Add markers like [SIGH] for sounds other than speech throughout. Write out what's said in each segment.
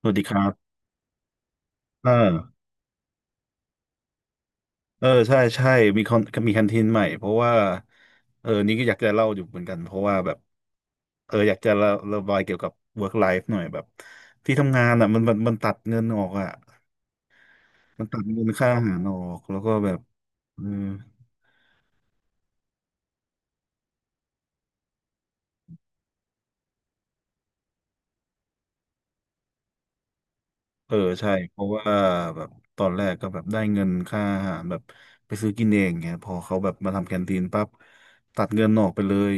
สวัสดีครับเออเออใช่ใช่มีคอนมีแคนทีนใหม่เพราะว่านี่ก็อยากจะเล่าอยู่เหมือนกันเพราะว่าแบบอยากจะระบายเกี่ยวกับ work life หน่อยแบบที่ทำงานอ่ะมันตัดเงินออกอ่ะมันตัดเงินค่าอาหารออกแล้วก็แบบเออเออใช่เพราะว่าแบบตอนแรกก็แบบได้เงินค่าอาหารแบบไปซื้อกินเองเงี้ยพอเขาแบบมาทำแคนทีนปั๊บตัดเงินออกไปเลย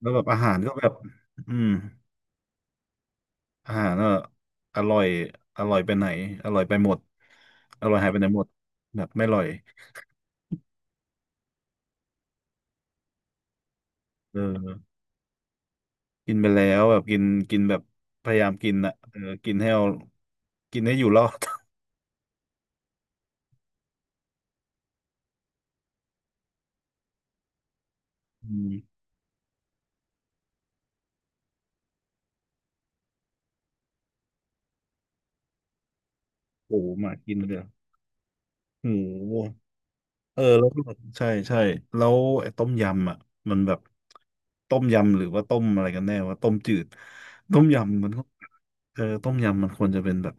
แล้วแบบอืม อาหารก็อร่อยอร่อยไปไหนอร่อยไปหมดอร่อยหายไปไหนหมดแบบไม่อร่อยเออกินไปแล้วแบบกินกินแบบพยายามกินอ่ะเออกินให้อยู่รอด [LAUGHS] อืมโอ้โหหมากินเลยโอ้โหแล้วก็ใช่ใช่แล้วไอ้ต้มยำอ่ะมันแบบต้มยำหรือว่าต้มอะไรกันแน่ว่าต้มจืดต้มยำมันก็ต้มยำมันควรจะเป็นแบบ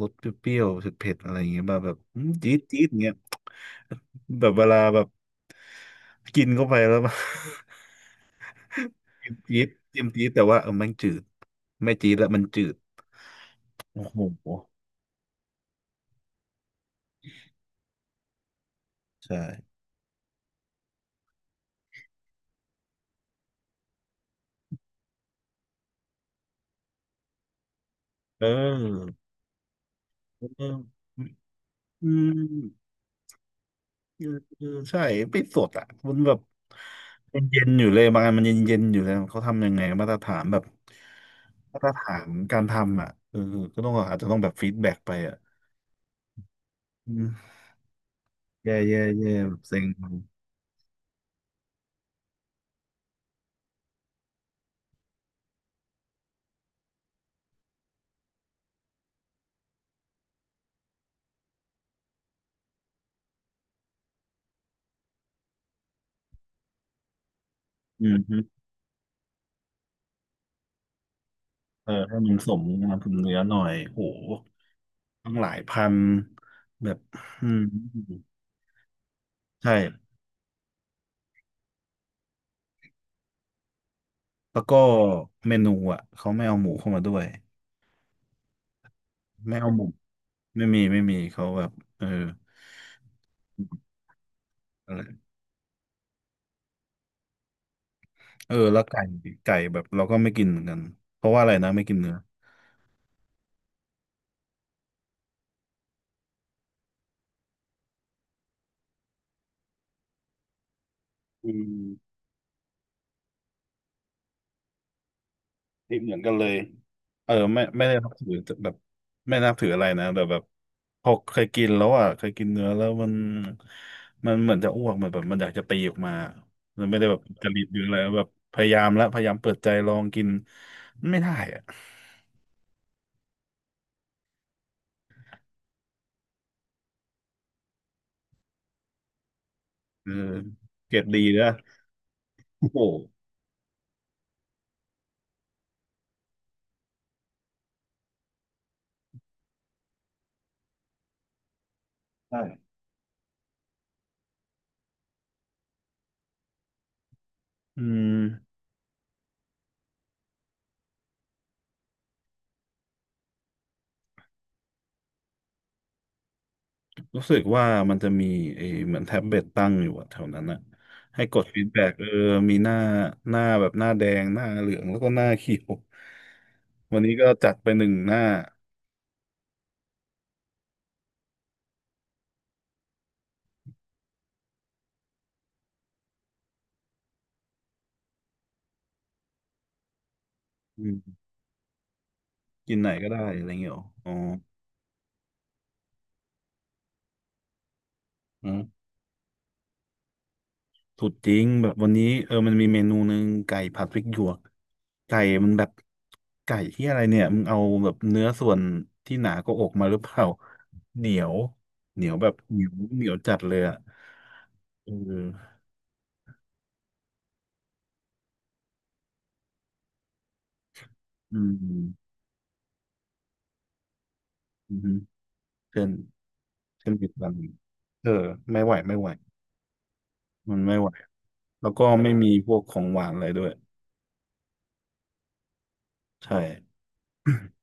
รสเปรี้ยวๆเผ็ดๆอะไรอย่างเงี้ยแบบจี๊ดจี๊ดเงี้ย [LAUGHS] แบบเวลาแบบกินเข้าไปแล้ว [LAUGHS] มัน [LAUGHS] จิ้มจี๊ดจิ้มจี๊ดแต่ว่ามันจืดไม่จี๊ดแล้วมันจืดโอ้โหใช่เออเอออืมเออเออใช่ไม่สดอ่ะมันแบบมันเย็นอยู่เลยบางอันมันเย็นเย็นอยู่เลยเขาทำยังไงมาตรฐานการทำอ่ะเออก็ต้องอาจจะต้องแบบฟีดแบ็กไปอ่ะอืมแย่แย่แย่แบบเซ็งอืมฮึเออให้มันสมงานคุณเนื้อหน่อยโห ต้งหลายพันแบบอืมใช่แล้วก็เมนูอ่ะเขาไม่เอาหมูเข้ามาด้วยไม่เอาหมูไม่มีไม่มีเขาแบบเอออะไรแล้วไก่แบบเราก็ไม่กินเหมือนกันเพราะว่าอะไรนะไม่กินเนื้ออืมนี่เหมือนกันเลย เออไม่ได้นับถือแบบไม่นับถืออะไรนะแต่แบบพอเคยกินแล้วอ่ะเคยกินเนื้อแล้วมันเหมือนจะอ้วกเหมือนแบบมันอยากจะตีออกมามันไม่ได้แบบจริตหรืออะไรแบบพยายามแล้วพยายามเปิดใจลองกินมันไม่ได้อ่ะเออเก็บดีนะ [LAUGHS] โอ้โหใช่อืม รู้สึกว่ามันจะมีเหมือนแท็บเล็ตตั้งอยู่อะแถวนั้นอะให้กดฟีดแบ็กมีหน้าแดงหน้าเหลืองแล้วก็หน้าเขียววันนี้ก็จัดไปหนึ่งหน้าอืมกินไหนก็ได้อะไรเงี้ยหรออ๋ออืมสุดจริงแบบวันนี้มันมีเมนูหนึ่งไก่ผัดพริกหยวกไก่มันแบบไก่ที่อะไรเนี่ยมึงเอาแบบเนื้อส่วนที่หนากว่าอกมาหรือเปล่าเหนียวเหนียวแบบเหนียวเหนียวจัดเลยอะเอออืมอืม เส้นเส้นบิดบางเออไม่ไหวไม่ไหวมันไม่ไหวแล้วก็ไม่มีพวกของหวานอะไรด้วยใช่ [COUGHS]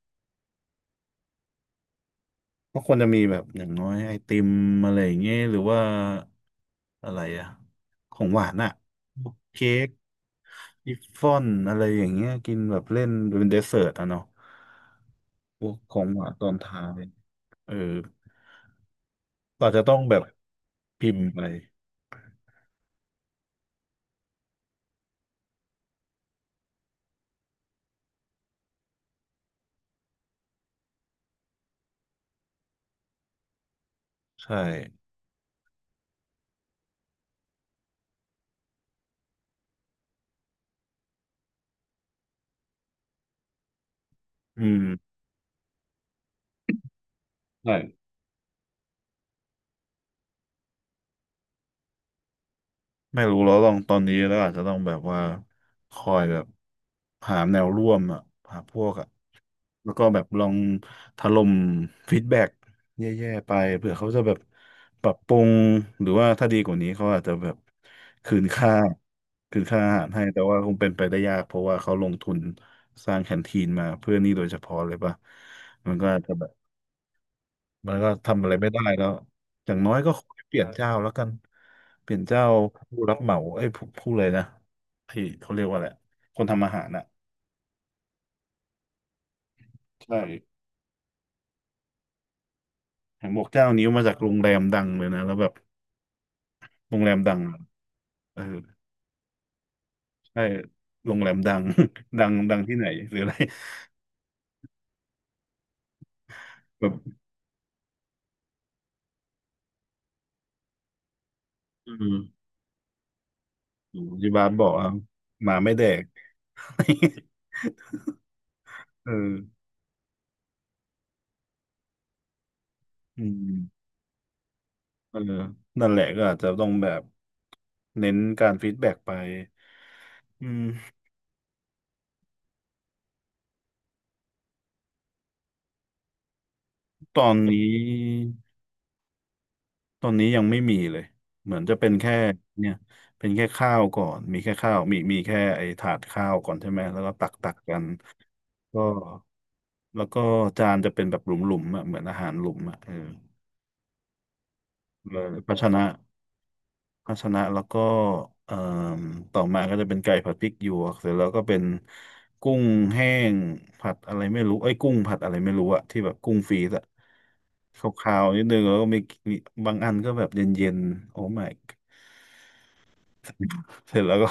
ก็ควรจะมีแบบอย่างน้อยไอติมอะไรอย่างเงี้ยหรือว่าอะไรอะของหวานอะพวกเค้กวิฟฟ่อนอะไรอย่างเงี้ยกินแบบเล่นเป็นเดสเซอร์ตอะเนาะพวกของหวานตอนท้ายเออเราจจะต้องแบบพิมพ์ไปใช่อืมใช่ ไม่รู้แล้วลองตอนนี้แล้วอาจจะต้องแบบว่าคอยแบบหาแนวร่วมอ่ะหาพวกอ่ะแล้วก็แบบลองถล่มฟีดแบ็กแย่ๆไปเผื่อเขาจะแบบปรับปรุงหรือว่าถ้าดีกว่านี้เขาอาจจะแบบคืนค่าคืนค่าอาหารให้แต่ว่าคงเป็นไปได้ยากเพราะว่าเขาลงทุนสร้างแคนทีนมาเพื่อนี่โดยเฉพาะเลยป่ะมันก็อาจจะแบบ มันก็ทำอะไรไม่ได้แล้วอย่างน้อยก็ขอให้เปลี่ยนเจ้าแล้วกันเปลี่ยนเจ้าผู้รับเหมาเอ้ยผู้เลยนะไอ้เขาเรียกว่าอะไรคนทำอาหารน่ะใช่เห็นบอกเจ้านี้มาจากโรงแรมดังเลยนะแล้วแบบโรงแรมดังอะเออใช่โรงแรมดัง [LAUGHS] ดังดังที่ไหนหรืออะไรแบบอืมที่บ้านบอกอ่ะหมาไม่แดก [LAUGHS] เอออืมเออนั่นแหละก็อาจจะต้องแบบเน้นการฟีดแบ็กไปอืม ตอนนี้ยังไม่มีเลยเหมือนจะเป็นแค่เนี่ยเป็นแค่ข้าวก่อนมีแค่ข้าวมีแค่ไอ้ถาดข้าวก่อนใช่ไหมแล้วก็ตักตักกันก็แล้วก็จานจะเป็นแบบหลุมๆอ่ะเหมือนอาหารหลุมอ่ะเออเออภาชนะ พัชนะแล้วก็เอ่อต่อมาก็จะเป็นไก่ผัดพริกหยวกเสร็จแล้วก็เป็นกุ้งแห้งผัดอะไรไม่รู้ไอ้ยกุ้งผัดอะไรไม่รู้อะที่แบบกุ้งฟรีซอะขาวๆนิดนึงแล้วก็มีมีบางอันก็แบบเย็นๆโอ้ my god เสร็จแล้วก็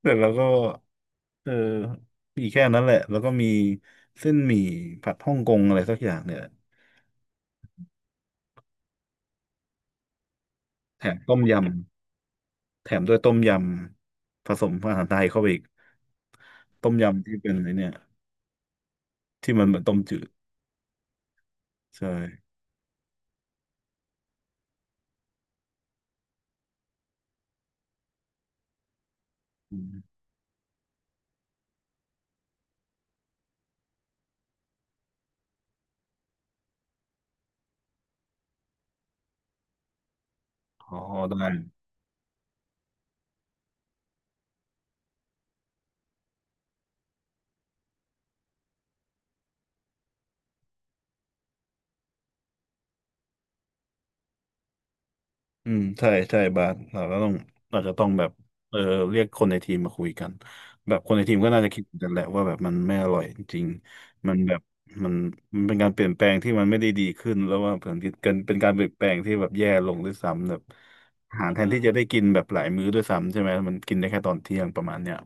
เสร็จแล้วก็เออมีแค่นั้นแหละแล้วก็มีเส้นหมี่ผัดฮ่องกงอะไรสักอย่างเนี่ยแหละแถมต้มยำแถมด้วยต้มยำผสมอาหารไทยเข้าไปอีกต้มยำที่เป็นไอเนี่ยที่มันเหมือนต้มจืด ใช่อืมอ๋อได้อืมใช่ใช่บาสเราจจะต้องแบบเออเรียกคนในทีมมาคุยกันแบบคนในทีมก็น่าจะคิดเหมือนกันแหละว่าแบบมันไม่อร่อยจริงมันแบบมันมันเป็นการเปลี่ยนแปลงที่มันไม่ได้ดีขึ้นแล้วว่าเผมือนกันเป็นการเปลี่ยนแปลงที่แบบแย่ลงด้วยซ้ำแบบอาหารแทนที่จะได้กินแบบหลายมื้อด้วยซ้ำใช่ไหมมันกินได้แค่ตอนเที่ยงประมาณเนี้ย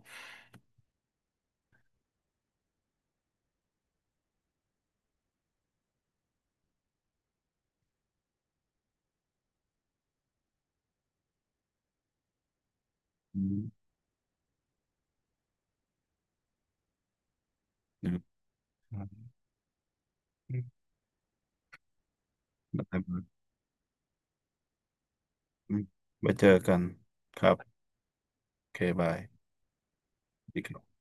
อืมนะครับอืมได้บาสอืมไว้เจอกันครับโอเคบายสวัสดีครับ